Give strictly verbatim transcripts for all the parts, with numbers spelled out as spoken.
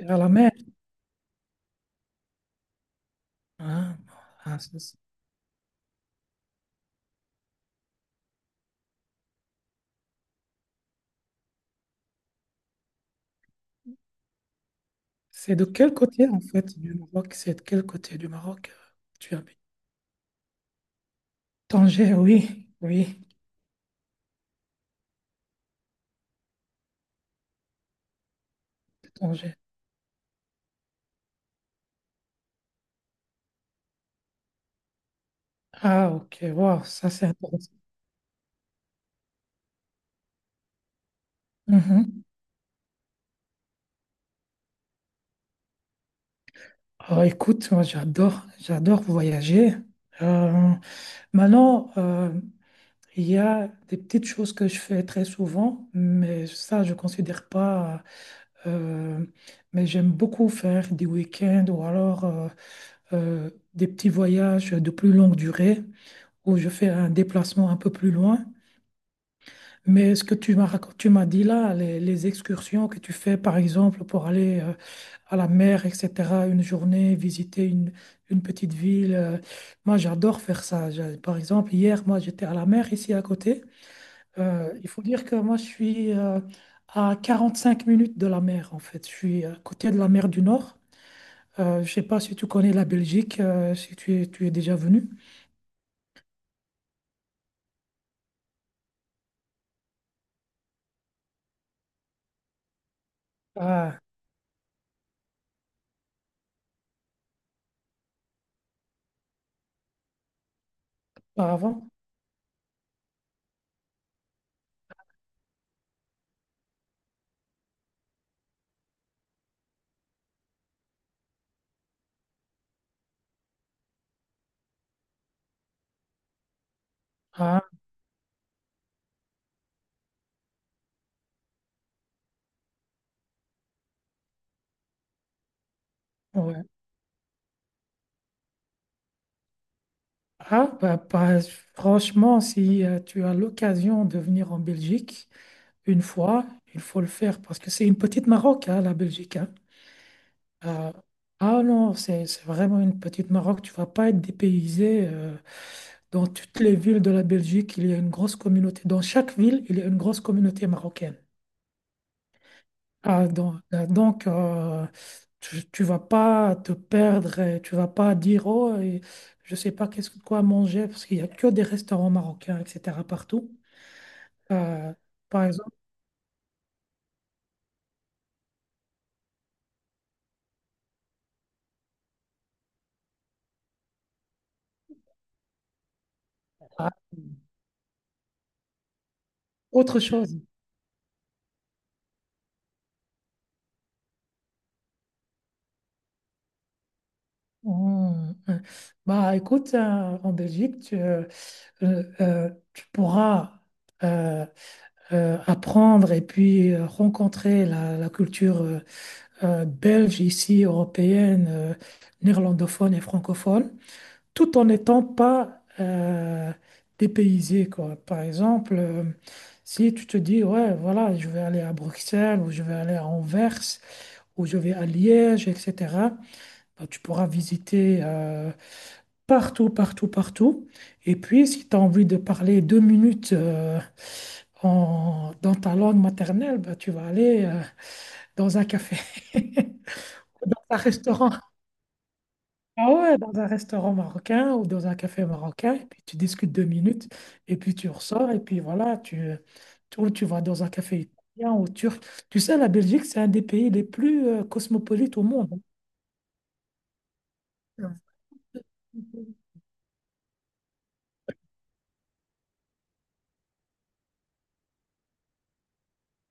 Vers la mer. Ah, ah, c'est c'est de quel côté, en fait, du Maroc? C'est de quel côté du Maroc, euh, tu habites? Tanger, oui, oui, Tanger. Ah, ok, wow, ça c'est intéressant. Mhm. Ah, écoute, moi j'adore, j'adore voyager. Euh, maintenant, euh, il y a des petites choses que je fais très souvent, mais ça je considère pas. euh, mais j'aime beaucoup faire des week-ends ou alors euh, euh, des petits voyages de plus longue durée où je fais un déplacement un peu plus loin. Mais ce que tu m'as racont- tu m'as dit là, les, les excursions que tu fais, par exemple, pour aller euh, à la mer, et cetera, une journée, visiter une, une petite ville, euh, moi j'adore faire ça. Je- par exemple, hier, moi j'étais à la mer ici à côté. Euh, il faut dire que moi je suis, euh, à cinq minutes de la mer, en fait. Je suis à côté de la mer du Nord. Euh, je ne sais pas si tu connais la Belgique, euh, si tu es, tu es déjà venu. Ah, avant? Ah, ouais. Ah, bah, bah, franchement, si euh, tu as l'occasion de venir en Belgique une fois, il faut le faire parce que c'est une petite Maroc, hein, la Belgique. Hein. Ah, ah non, c'est c'est vraiment une petite Maroc. Tu vas pas être dépaysé. Euh, dans toutes les villes de la Belgique, il y a une grosse communauté. Dans chaque ville, il y a une grosse communauté marocaine. Ah, donc, euh, donc, euh, tu, tu vas pas te perdre, et tu vas pas dire, oh, et je sais pas qu'est-ce que quoi manger, parce qu'il y a que des restaurants marocains, et cetera, partout. Euh, Par exemple, ah, autre chose. Hmm, hmm. Bah, écoute, euh, en Belgique, tu, euh, euh, euh, tu pourras, euh, euh, apprendre et puis euh, rencontrer la, la culture, euh, euh, belge ici, européenne, euh, néerlandophone et francophone, tout en n'étant pas euh, dépaysé, quoi. Par exemple, euh, si tu te dis, ouais, voilà, je vais aller à Bruxelles ou je vais aller à Anvers ou je vais à Liège, et cetera, bah, tu pourras visiter euh, partout, partout, partout. Et puis, si tu as envie de parler deux minutes euh, en- dans ta langue maternelle, bah, tu vas aller euh, dans un café, dans un restaurant. Ah ouais, dans un restaurant marocain ou dans un café marocain, et puis tu discutes deux minutes, et puis tu ressors, et puis voilà, tu, tu, ou tu vas dans un café italien ou turc. Tu sais, la Belgique, c'est un des pays les plus euh, cosmopolites au monde. Ouais.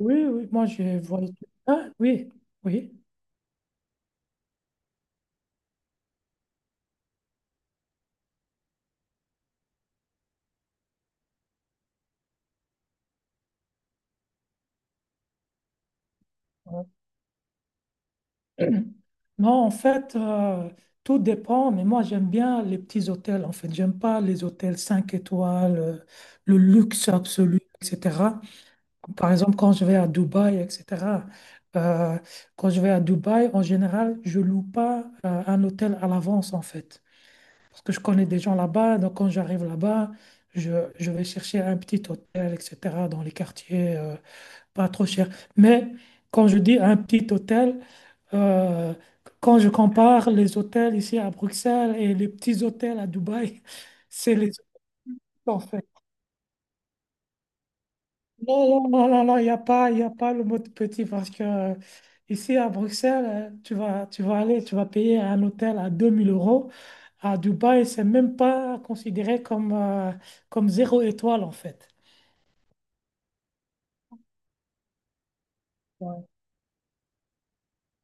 Oui, oui, moi je voyagé. Ah, oui, oui. Ouais. Non, en fait, euh, tout dépend, mais moi j'aime bien les petits hôtels, en fait. J'aime pas les hôtels cinq étoiles, euh, le luxe absolu, et cetera. Par exemple, quand je vais à Dubaï, et cetera euh, quand je vais à Dubaï, en général, je loue pas euh, un hôtel à l'avance, en fait. Parce que je connais des gens là-bas, donc quand j'arrive là-bas, je, je vais chercher un petit hôtel, et cetera, dans les quartiers, euh, pas trop cher. Mais quand je dis un petit hôtel, euh, quand je compare les hôtels ici à Bruxelles et les petits hôtels à Dubaï, c'est les autres, en fait. Non, non, non, non, non, il n'y a pas, il y a pas le mot de petit parce que euh, ici à Bruxelles, euh, tu vas, tu vas aller, tu vas payer un hôtel à deux mille euros. À Dubaï, c'est même pas considéré comme, euh, comme zéro étoile, en fait. Ouais,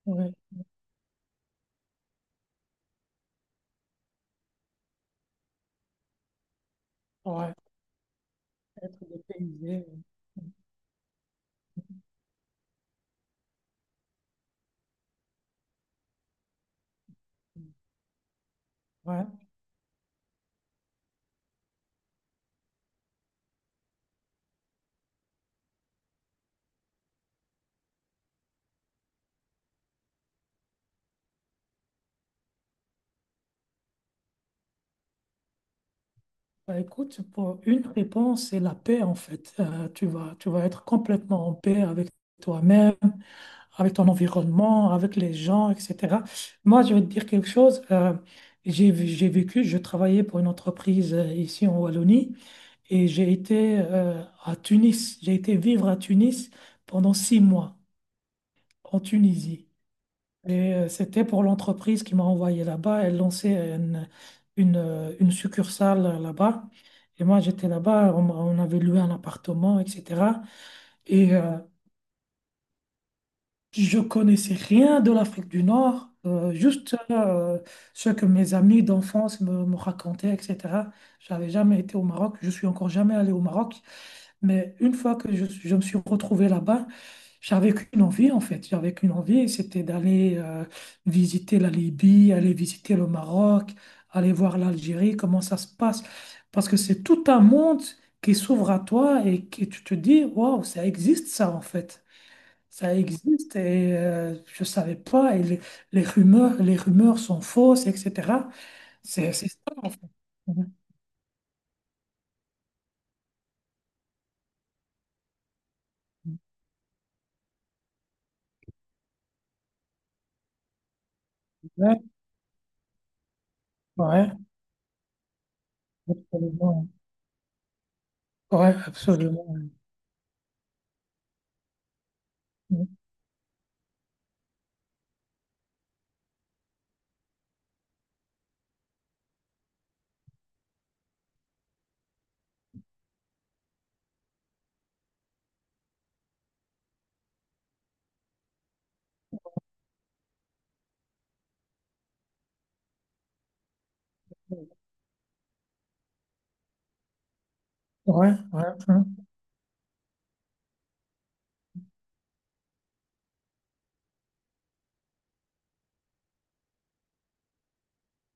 ouais, ouais. Être dépaysé, ouais. Bah, écoute, pour une réponse, c'est la paix en fait. Euh, tu vas, tu vas être complètement en paix avec toi-même, avec ton environnement, avec les gens, et cetera. Moi, je vais te dire quelque chose. Euh, j'ai, vu- j'ai vécu, je travaillais pour une entreprise euh, ici en Wallonie et j'ai été, euh, à Tunis. J'ai été vivre à Tunis pendant six mois en Tunisie. Et euh, c'était pour l'entreprise qui m'a envoyé là-bas. Elle lançait une, une, euh, une succursale euh, là-bas. Et moi, j'étais là-bas. On, m'a- on avait loué un appartement, et cetera. Et euh, je connaissais rien de l'Afrique du Nord, euh, juste euh, ce que mes amis d'enfance me, me racontaient, et cetera. J'avais jamais été au Maroc. Je suis encore jamais allé au Maroc. Mais une fois que je, je me suis retrouvé là-bas, j'avais qu'une envie en fait. J'avais qu'une envie, c'était d'aller euh, visiter la Libye, aller visiter le Maroc, aller voir l'Algérie, comment ça se passe. Parce que c'est tout un monde qui s'ouvre à toi et qui tu te dis, waouh, ça existe ça en fait. Ça existe et euh, je ne savais pas. Et les, les rumeurs, les rumeurs sont fausses, et cetera. C'est c'est ça en fait. Ouais, ouais, absolument. Ouais, absolument. Ouais, ouais, hein,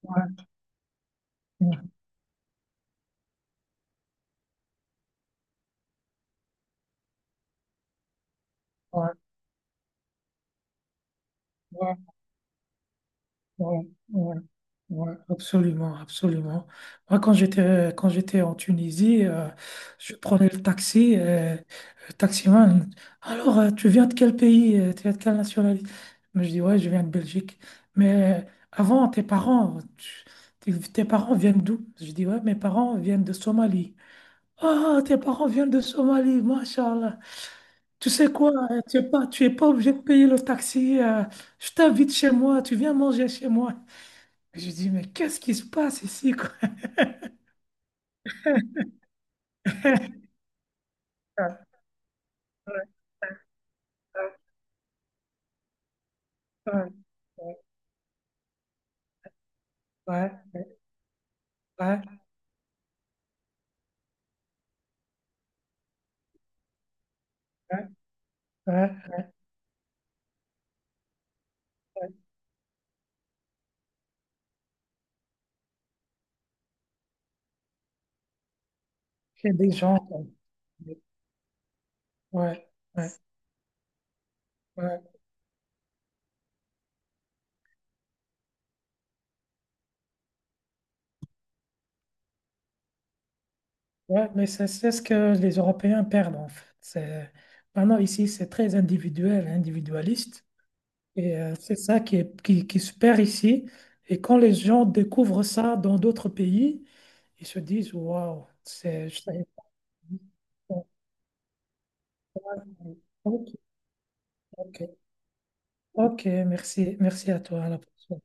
ouais, ouais, ouais, ouais, ouais, ouais, ouais, absolument, absolument. Moi, quand j'étais, quand j'étais en Tunisie, euh, je prenais le taxi, euh, le taximan, alors, euh, tu viens de quel pays? euh, Tu viens de quelle nationalité? Mais je dis, ouais, je viens de Belgique. Mais euh, avant, tes parents, tu- tes tes parents viennent d'où? Je dis, ouais, mes parents viennent de Somalie. Ah, tes parents viennent de Somalie, machallah. Tu sais quoi, euh, tu n'es pas, tu es pas obligé de payer le taxi. Euh, je t'invite chez moi, tu viens manger chez moi. Je dis, mais qu'est-ce qui se passe ici, quoi? Ouais, ouais, ouais, ouais, ouais, ouais, ouais. Il y a des gens, quoi. Ouais, ouais, ouais, ouais, mais c'est c'est ce que les Européens perdent en fait. C'est- Maintenant, ici, c'est très individuel, individualiste. Et euh, c'est ça qui est- qui, qui se perd ici. Et quand les gens découvrent ça dans d'autres pays, ils se disent, waouh, c'est. Je savais pas. Ok, ok, ok, merci, merci à toi. À la prochaine.